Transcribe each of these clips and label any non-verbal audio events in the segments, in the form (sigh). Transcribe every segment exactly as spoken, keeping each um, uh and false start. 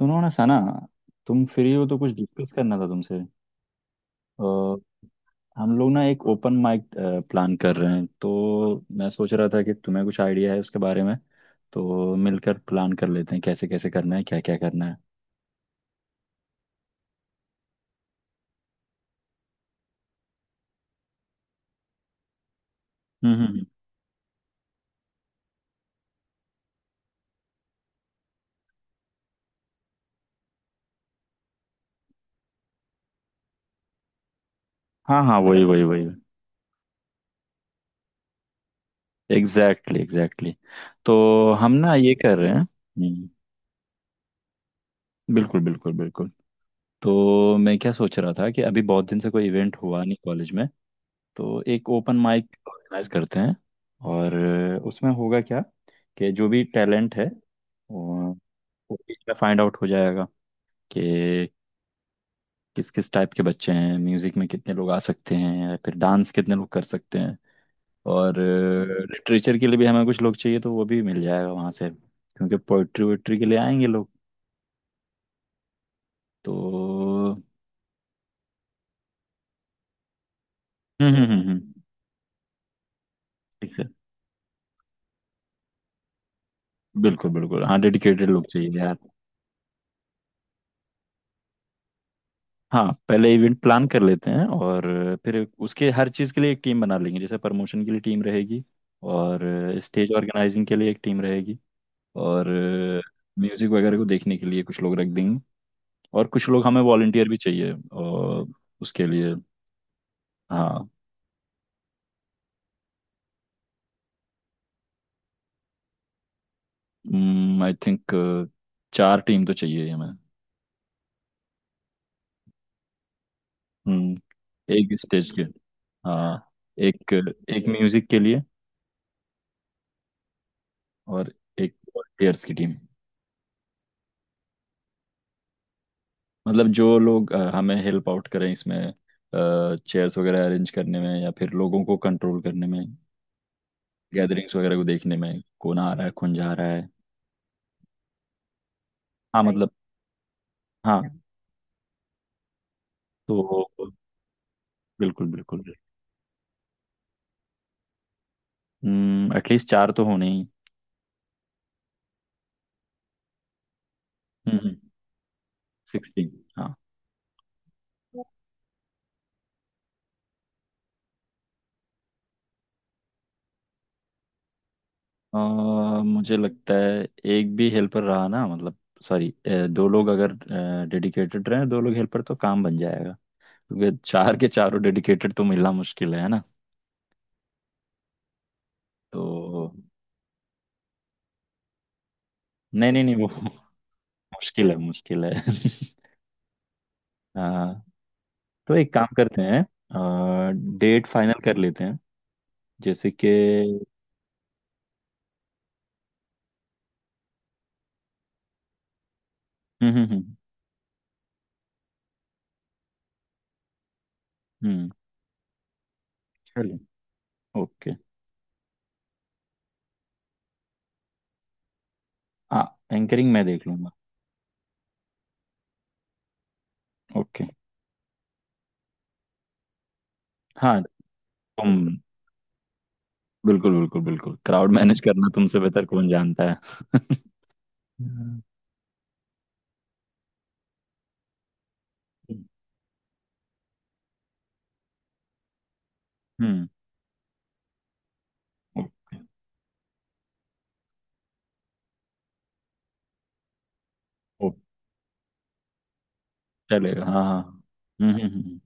सुनो ना सना। तुम फ्री हो तो कुछ डिस्कस करना था तुमसे। अ, हम लोग ना एक ओपन माइक प्लान कर रहे हैं, तो मैं सोच रहा था कि तुम्हें कुछ आइडिया है उसके बारे में। तो मिलकर प्लान कर लेते हैं कैसे कैसे करना है, क्या क्या करना है। हम्म हम्म, हम्म। हाँ हाँ, वही वही वही। Exactly exactly. तो हम ना ये कर रहे हैं। हम्म, बिल्कुल बिल्कुल बिल्कुल। तो मैं क्या सोच रहा था कि अभी बहुत दिन से कोई इवेंट हुआ नहीं कॉलेज में। तो एक ओपन माइक ऑर्गेनाइज करते हैं। और अ, उसमें होगा क्या कि जो भी टैलेंट है वो फाइंड आउट हो जाएगा कि किस किस टाइप के बच्चे हैं, म्यूजिक में कितने लोग आ सकते हैं या फिर डांस कितने लोग कर सकते हैं। और लिटरेचर के लिए भी हमें कुछ लोग चाहिए, तो वो भी मिल जाएगा वहाँ से, क्योंकि पोइट्री वोइट्री के लिए आएंगे लोग। तो हम्म हम्म हम्म हम्म, ठीक है बिल्कुल बिल्कुल। हाँ, डेडिकेटेड लोग चाहिए यार। हाँ, पहले इवेंट प्लान कर लेते हैं और फिर उसके हर चीज़ के लिए एक टीम बना लेंगे। जैसे प्रमोशन के लिए टीम रहेगी, और स्टेज ऑर्गेनाइजिंग के लिए एक टीम रहेगी, और म्यूज़िक वगैरह को देखने के लिए कुछ लोग रख देंगे। और कुछ लोग हमें वॉलंटियर भी चाहिए और उसके लिए। हाँ। आई थिंक चार टीम तो चाहिए ही हमें। हम्म, एक स्टेज के। हाँ, एक, एक म्यूज़िक के लिए, और एक वॉलंटियर्स की टीम। मतलब जो लोग अ, हमें हेल्प आउट करें इसमें, चेयर्स वगैरह अरेंज करने में या फिर लोगों को कंट्रोल करने में, गैदरिंग्स वगैरह को देखने में कौन आ रहा है कौन जा रहा है। हाँ सही मतलब। हाँ है। तो बिल्कुल बिल्कुल। हम्म, एटलीस्ट चार तो होने ही। हम्म, सिक्सटीन। हाँ। अ, मुझे लगता है एक भी हेल्पर रहा ना, मतलब सॉरी, दो लोग अगर डेडिकेटेड रहे, दो लोग हेल्पर, तो काम बन जाएगा। क्योंकि चार के चारों डेडिकेटेड तो मिलना मुश्किल है है ना। तो नहीं नहीं नहीं वो, मुश्किल है मुश्किल है। (laughs) हाँ। तो एक काम करते हैं, आ, डेट फाइनल कर लेते हैं। जैसे कि हम्म हम्म हम्म हम्म, चलो ओके। हाँ, एंकरिंग मैं देख लूंगा। ओके। हाँ तुम। बिल्कुल बिल्कुल बिल्कुल, क्राउड मैनेज करना तुमसे बेहतर कौन जानता है। (laughs) हम्म हम्म, ओके ओके चलेगा। हाँ हाँ, हम्म हम्म हम्म, हम्म।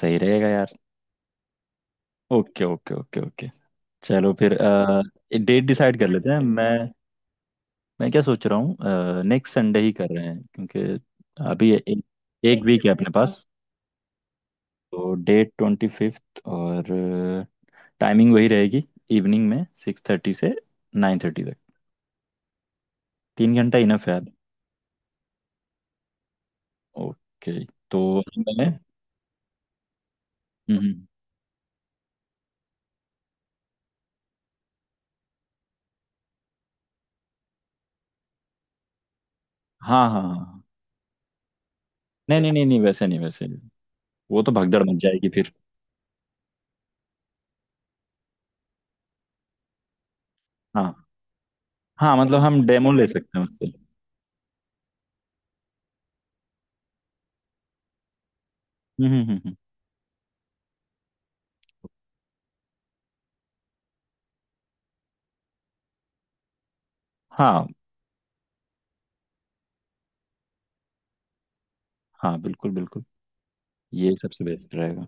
सही रहेगा यार। ओके ओके ओके ओके, चलो फिर। डेट डिसाइड कर लेते हैं। मैं मैं क्या सोच रहा हूँ, नेक्स्ट संडे ही कर रहे हैं क्योंकि अभी एक, एक वीक है अपने पास। तो डेट ट्वेंटी फिफ्थ, और टाइमिंग वही रहेगी, इवनिंग में सिक्स थर्टी से नाइन थर्टी तक। तीन घंटा इनफ है यार। ओके, तो मैंने। हम्म हम्म, हाँ हाँ हाँ हाँ। नहीं नहीं नहीं नहीं, वैसे नहीं वैसे नहीं, वो तो भगदड़ मच जाएगी फिर। हाँ हाँ, मतलब हम डेमो ले सकते हैं उससे। हम्म हम्म हम्म हम्म। हाँ हाँ बिल्कुल बिल्कुल, ये सबसे बेस्ट रहेगा।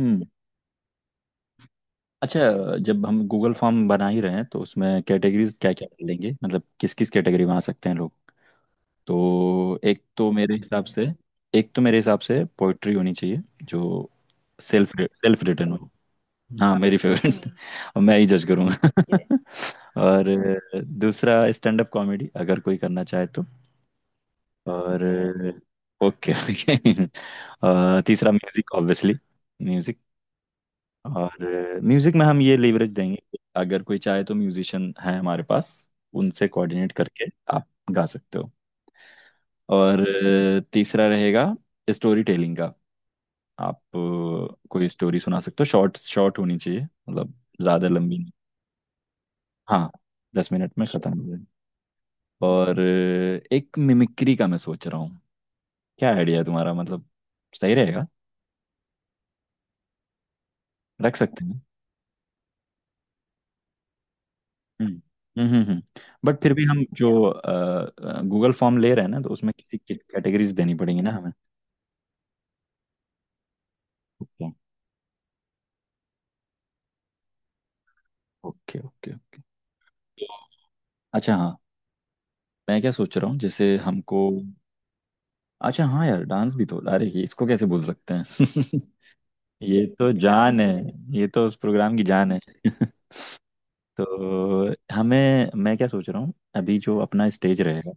हम्म, अच्छा। जब हम गूगल फॉर्म बना ही रहे हैं, तो उसमें कैटेगरीज क्या क्या डालेंगे, मतलब किस किस कैटेगरी में आ सकते हैं लोग। तो एक तो मेरे हिसाब से एक तो मेरे हिसाब से पोइट्री होनी चाहिए जो सेल्फ सेल्फ रिटन हो। हाँ मेरी फेवरेट, और मैं ही जज करूँगा। (laughs) और दूसरा स्टैंड अप कॉमेडी, अगर कोई करना चाहे तो। और ओके। (laughs) तीसरा म्यूजिक ऑब्वियसली। और म्यूजिक में हम ये लेवरेज देंगे कि अगर कोई चाहे, तो म्यूजिशियन है हमारे पास, उनसे कोऑर्डिनेट करके आप गा सकते हो। और अ, तीसरा रहेगा स्टोरी टेलिंग का। आप अ, कोई स्टोरी सुना सकते हो, शॉर्ट शॉर्ट होनी चाहिए, मतलब ज़्यादा लंबी नहीं। हाँ, दस मिनट में ख़त्म हो जाए। और अ, एक मिमिक्री का मैं सोच रहा हूँ, क्या आइडिया है तुम्हारा। मतलब सही रहेगा, रख सकते हैं। हम्म हम्म हम्म, बट फिर भी हम जो गूगल फॉर्म ले रहे हैं ना, तो उसमें किसी कैटेगरीज देनी पड़ेंगी ना हमें। ओके ओके ओके ओके, अच्छा हाँ। मैं क्या सोच रहा हूँ जैसे हमको अच्छा हाँ यार, डांस भी तो, अरे ये इसको कैसे भूल सकते हैं। (laughs) ये तो जान है, ये तो उस प्रोग्राम की जान है। (laughs) तो हमें, मैं क्या सोच रहा हूँ, अभी जो अपना स्टेज रहेगा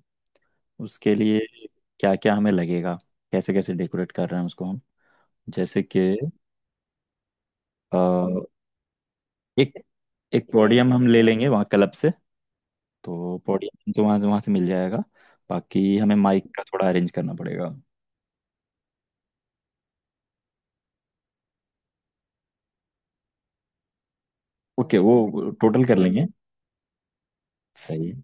उसके लिए क्या क्या हमें लगेगा, कैसे कैसे डेकोरेट कर रहे हैं उसको हम। जैसे कि एक, एक पोडियम हम ले लेंगे वहाँ क्लब से। तो पोडियम तो वहाँ से वहाँ से मिल जाएगा। बाकी हमें माइक का थोड़ा अरेंज करना पड़ेगा। ओके वो टोटल कर लेंगे। सही है।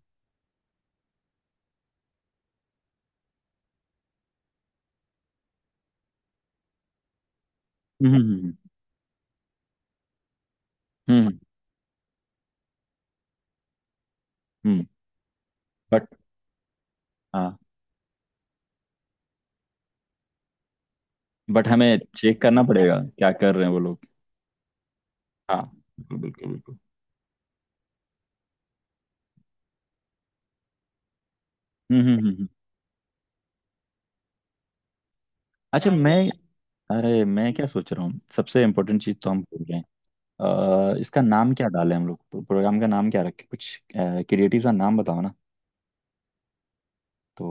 हम्म हम्म हम्म हम्म, बट हाँ, बट हमें चेक करना पड़ेगा क्या कर रहे हैं वो लोग। हाँ बिल्कुल बिल्कुल बिल्कुल। हम्म हम्म हम्म हम्म। अच्छा मैं, अरे मैं क्या सोच रहा हूँ, सबसे इम्पोर्टेंट चीज़ तो हम भूल रहे हैं। अ, इसका नाम क्या डालें हम लोग, प्रोग्राम का नाम क्या रखें, कुछ क्रिएटिव सा नाम बताओ ना। तो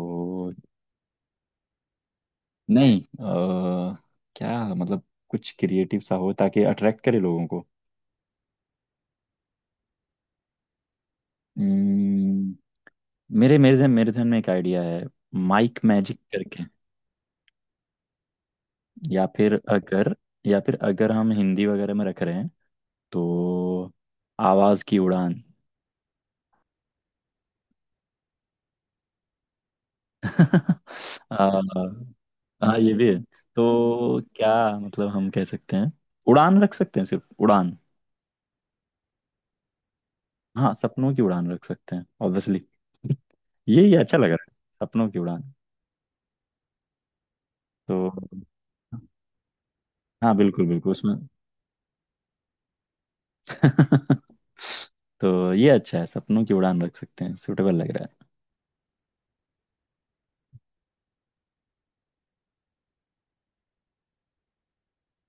नहीं, अ, क्या मतलब, कुछ क्रिएटिव सा हो ताकि अट्रैक्ट करे लोगों को। हम्म, मेरे मेरे ध्यान मेरे ध्यान में एक आइडिया है, माइक मैजिक करके। या फिर अगर, या फिर अगर हम हिंदी वगैरह में रख रहे हैं तो आवाज की उड़ान। (laughs) अ, हाँ ये भी है, तो क्या मतलब, हम कह सकते हैं उड़ान रख सकते हैं, सिर्फ उड़ान। हाँ सपनों की उड़ान रख सकते हैं ऑब्वियसली। (laughs) ये ये अच्छा लग रहा है सपनों की उड़ान। तो हाँ बिल्कुल बिल्कुल उसमें। (laughs) तो ये अच्छा है, सपनों की उड़ान रख सकते हैं, सुटेबल लग रहा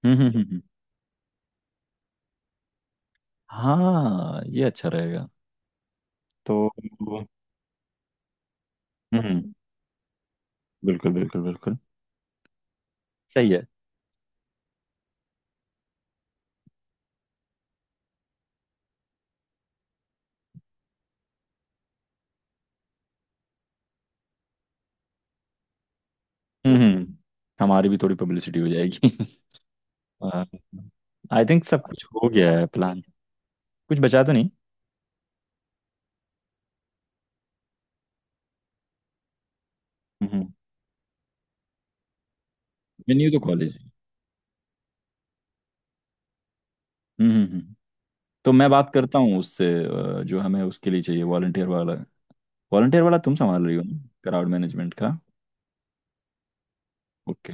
है। हम्म हम्म हम्म हम्म। हाँ ये अच्छा रहेगा। तो हम्म हम्म, बिल्कुल बिल्कुल बिल्कुल, सही है। हम्म हम्म। हम्म। हमारी भी थोड़ी पब्लिसिटी हो जाएगी। (laughs) आई थिंक सब कुछ हो गया है प्लान, कुछ बचा तो नहीं। हम्म, मेन्यू तो कॉलेज। हम्म हम्म हम्म। तो मैं बात करता हूँ उससे। अ, जो हमें उसके लिए चाहिए वॉलंटियर वाला, वॉलंटियर वाला तुम संभाल रही हो ना, क्राउड मैनेजमेंट का। ओके,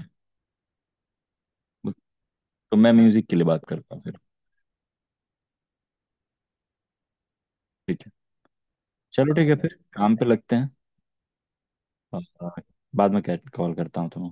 तो मैं म्यूजिक के लिए बात करता हूँ फिर। ठीक है, चलो ठीक है, फिर काम पे लगते हैं। और बाद में कॉल करता हूँ तुम्हें।